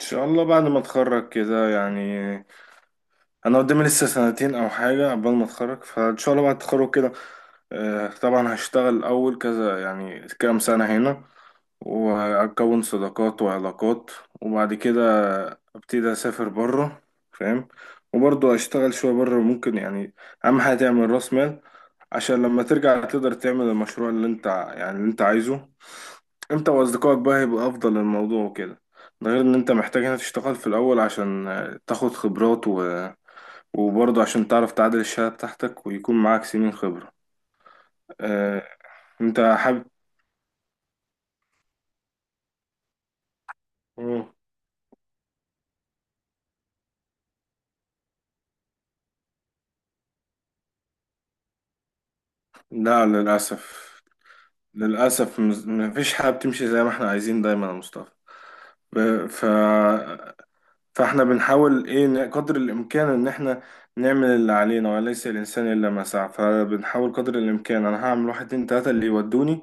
ان شاء الله بعد ما اتخرج كده، يعني انا قدامي لسه سنتين او حاجه قبل ما اتخرج، فان شاء الله بعد التخرج كده. طبعا هشتغل اول كذا، يعني كام سنه هنا، واكون صداقات وعلاقات، وبعد كده ابتدي اسافر بره. فاهم؟ وبرضه اشتغل شويه بره ممكن، يعني اهم حاجه تعمل راس مال، عشان لما ترجع تقدر تعمل المشروع اللي انت عايزه. انت واصدقائك بقى هيبقى افضل للموضوع وكده. ده غير ان انت محتاج هنا تشتغل في الاول، عشان تاخد خبرات وبرضه عشان تعرف تعادل الشهادة بتاعتك، ويكون معاك سنين خبرة. اه... انت حابب. مم. لا، للاسف. للاسف مفيش حاجة بتمشي زي ما احنا عايزين دايما يا مصطفى. ب- ف... فاحنا بنحاول ايه قدر الامكان ان احنا نعمل اللي علينا، وليس الانسان الا ما سعى، فبنحاول قدر الامكان. انا هعمل واحد اتنين تلاتة اللي يودوني.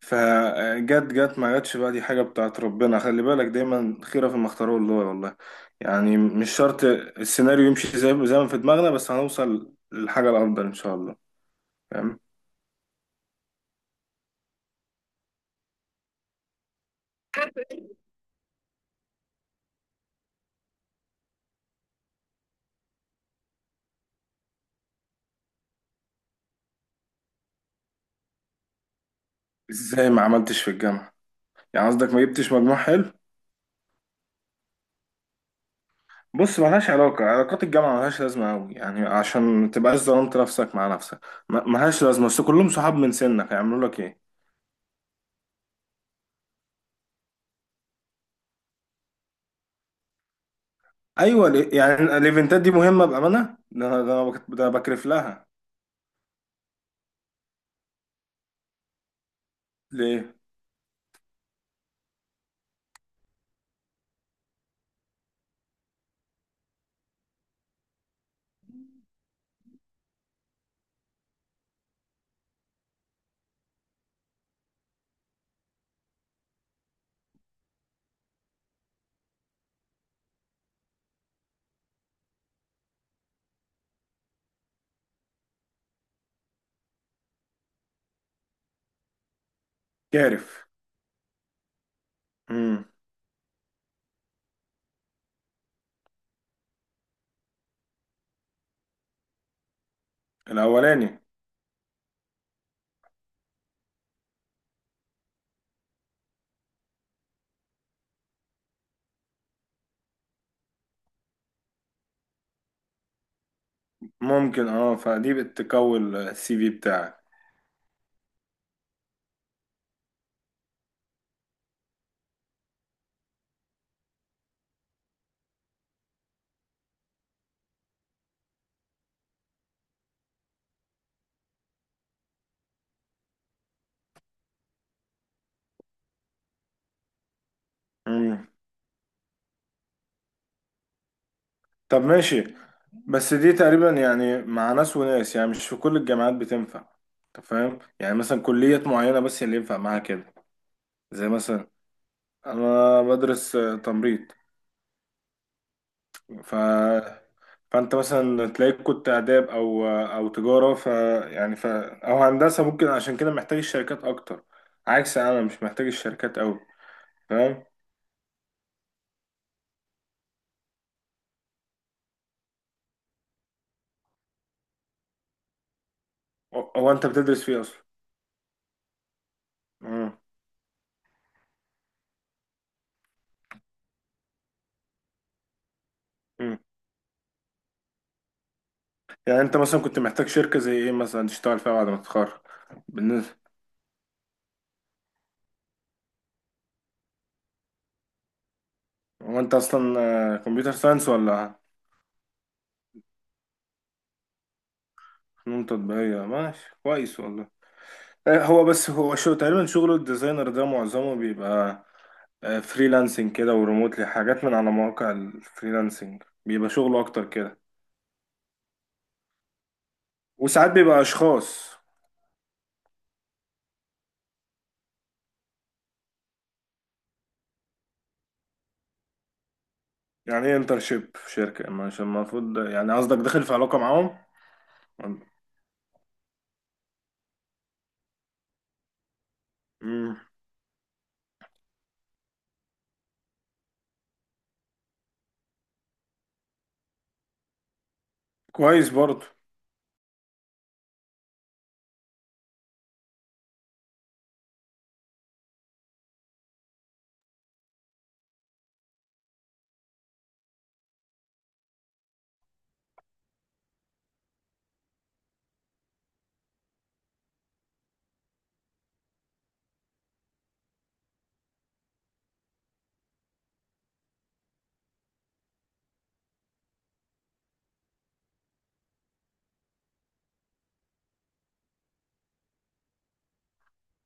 فجت، جت ما جتش بقى، دي حاجة بتاعت ربنا، خلي بالك دايما خيرة فيما اختاره الله والله. يعني مش شرط السيناريو يمشي زي ما في دماغنا، بس هنوصل للحاجة الأفضل إن شاء الله. فاهم؟ إزاي ما عملتش في الجامعة؟ يعني قصدك ما جبتش مجموع حلو؟ بص، ملهاش علاقة، علاقات الجامعة ملهاش لازمة أوي، يعني عشان ما تبقاش ظلمت نفسك مع نفسك. ملهاش لازمة، بس كلهم صحاب من سنك، هيعملوا لك إيه؟ أيوة، ليه؟ يعني الإيفنتات دي مهمة بأمانة؟ ده أنا بكرف لها. ليه؟ كارف. مم. الاولاني. ممكن فدي بتكون السي في بتاعك. مم. طب ماشي، بس دي تقريبا يعني مع ناس وناس، يعني مش في كل الجامعات بتنفع. انت فاهم؟ يعني مثلا كليات معينة بس اللي ينفع معاها كده. زي مثلا انا بدرس تمريض. ف فانت مثلا تلاقيك كنت آداب او تجارة، يعني او هندسة ممكن، عشان كده محتاج الشركات اكتر. عكس انا، مش محتاج الشركات قوي. فاهم؟ هو انت بتدرس فيه اصلا. مم. يعني انت مثلا كنت محتاج شركة زي ايه مثلا تشتغل فيها بعد ما تتخرج؟ بالنسبة. هو انت اصلا كمبيوتر ساينس ولا فنون تطبيقية؟ ماشي، كويس والله. هو بس هو شو تقريبا شغل الديزاينر ده؟ معظمه بيبقى فريلانسنج كده وريموتلي، حاجات من على مواقع الفريلانسنج، بيبقى شغله اكتر كده. وساعات بيبقى اشخاص. يعني ايه انترشيب في شركة ما؟ عشان المفروض، يعني قصدك داخل في علاقة معاهم؟ مم. كويس برضه.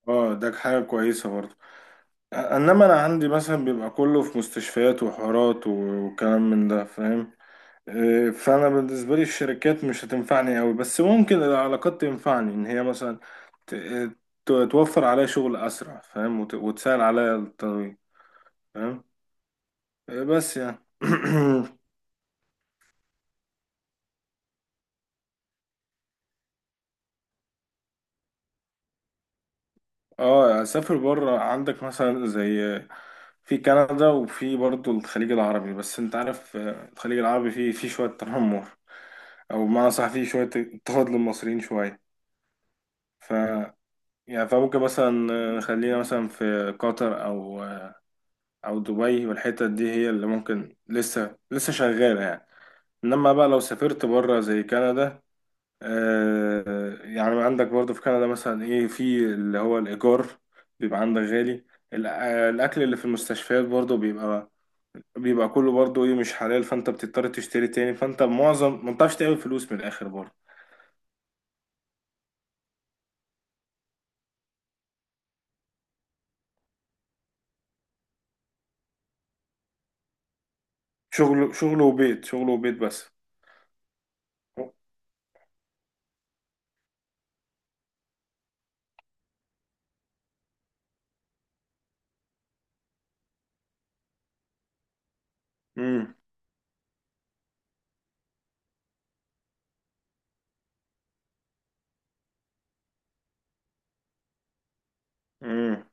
اه، ده حاجة كويسة برضه. انما انا عندي مثلا بيبقى كله في مستشفيات وحوارات وكلام من ده، فاهم؟ إيه، فانا بالنسبه لي الشركات مش هتنفعني قوي، بس ممكن العلاقات تنفعني، ان هي مثلا ت- توفر عليا شغل اسرع، فاهم؟ وتسهل عليا الطريق. فاهم؟ إيه، بس يعني اه، اسافر بره. عندك مثلا زي في كندا، وفي برضه الخليج العربي، بس انت عارف الخليج العربي فيه شويه تنمر، او بمعنى صح فيه شويه اضطهاد للمصريين شويه. ف يعني فممكن مثلا خلينا مثلا في قطر او دبي، والحتت دي هي اللي ممكن لسه لسه شغاله يعني. انما بقى لو سافرت بره زي كندا، يعني عندك برضو في كندا مثلا ايه، في اللي هو الايجار بيبقى عندك غالي. الأ- الاكل اللي في المستشفيات برضو بيبقى كله برضو ايه مش حلال، فانت بتضطر تشتري تاني، فانت معظم ما بتعرفش تعمل فلوس من الاخر برضو. شغل، شغل وبيت، شغل وبيت بس. امم. امم.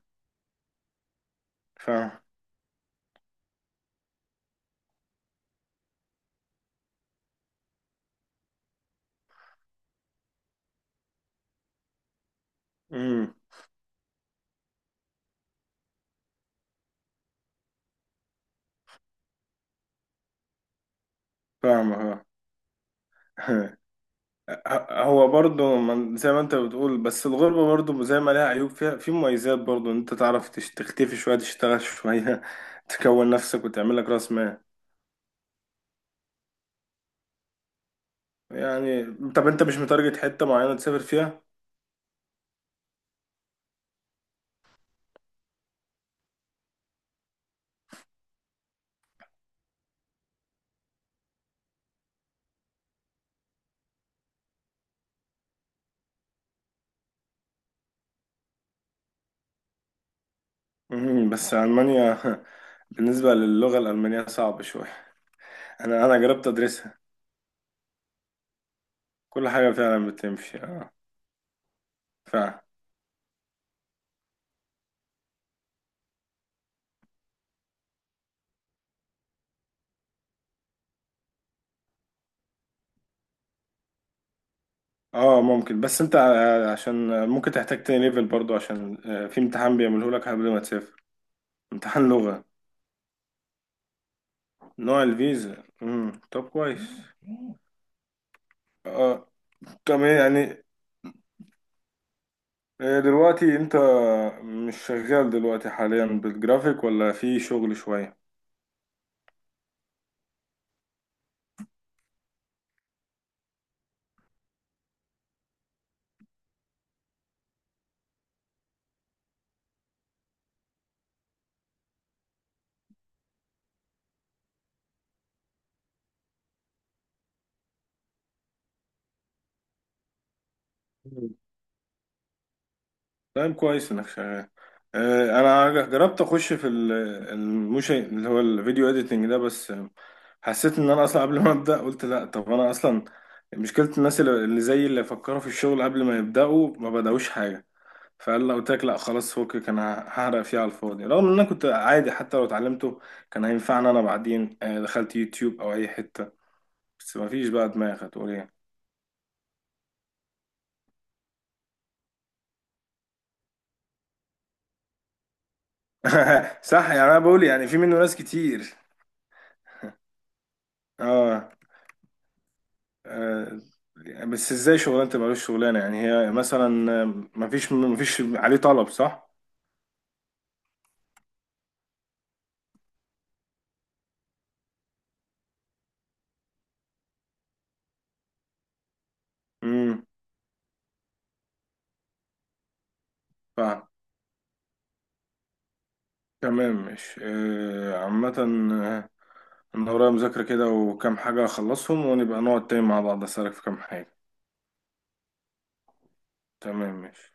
فاهم. فاهمة. ها. هو برضه زي ما انت بتقول، بس الغربة برضه زي ما لها عيوب فيها في مميزات برضه، ان انت تعرف تختفي شوية، تشتغل شوية، تكون نفسك، وتعمل لك راس مال يعني. طب انت مش متارجت حتة معينة تسافر فيها؟ مم، بس ألمانيا. بالنسبة للغة الألمانية صعبة شوية. أنا جربت أدرسها. كل حاجة فعلا بتمشي، اه. فعلا. اه، ممكن، بس انت عشان ممكن تحتاج تاني ليفل برضو، عشان في امتحان بيعمله لك قبل ما تسافر. امتحان لغة. نوع الفيزا. طب كويس. آه كمان يعني. دلوقتي انت مش شغال دلوقتي حاليا بالجرافيك، ولا في شغل شوية؟ مم. طيب، كويس انك شغال. انا جربت اخش في الموشن اللي هو الفيديو اديتنج ده، بس حسيت ان انا اصلا قبل ما ابدا قلت لا، طب انا اصلا مشكلة الناس اللي زي اللي فكروا في الشغل قبل ما يبداوا ما بداوش حاجة. فقال لو قلت لك لا خلاص فكك، انا هحرق فيه على الفاضي، رغم ان انا كنت عادي حتى لو اتعلمته كان هينفعني انا بعدين. دخلت يوتيوب او اي حتة، بس مفيش بقى دماغ، هتقول ايه. صح، يعني انا بقول يعني في منه ناس كتير. اه آه، بس ازاي شغلانة تبقى ملوش شغلانة؟ يعني هي مثلا مفيش عليه طلب، صح؟ امم فاهم. تمام، مش عامة. آه، انا ورايا مذاكرة كده وكام حاجة اخلصهم، ونبقى نقعد تاني مع بعض، اسألك في كام حاجة. تمام، ماشي.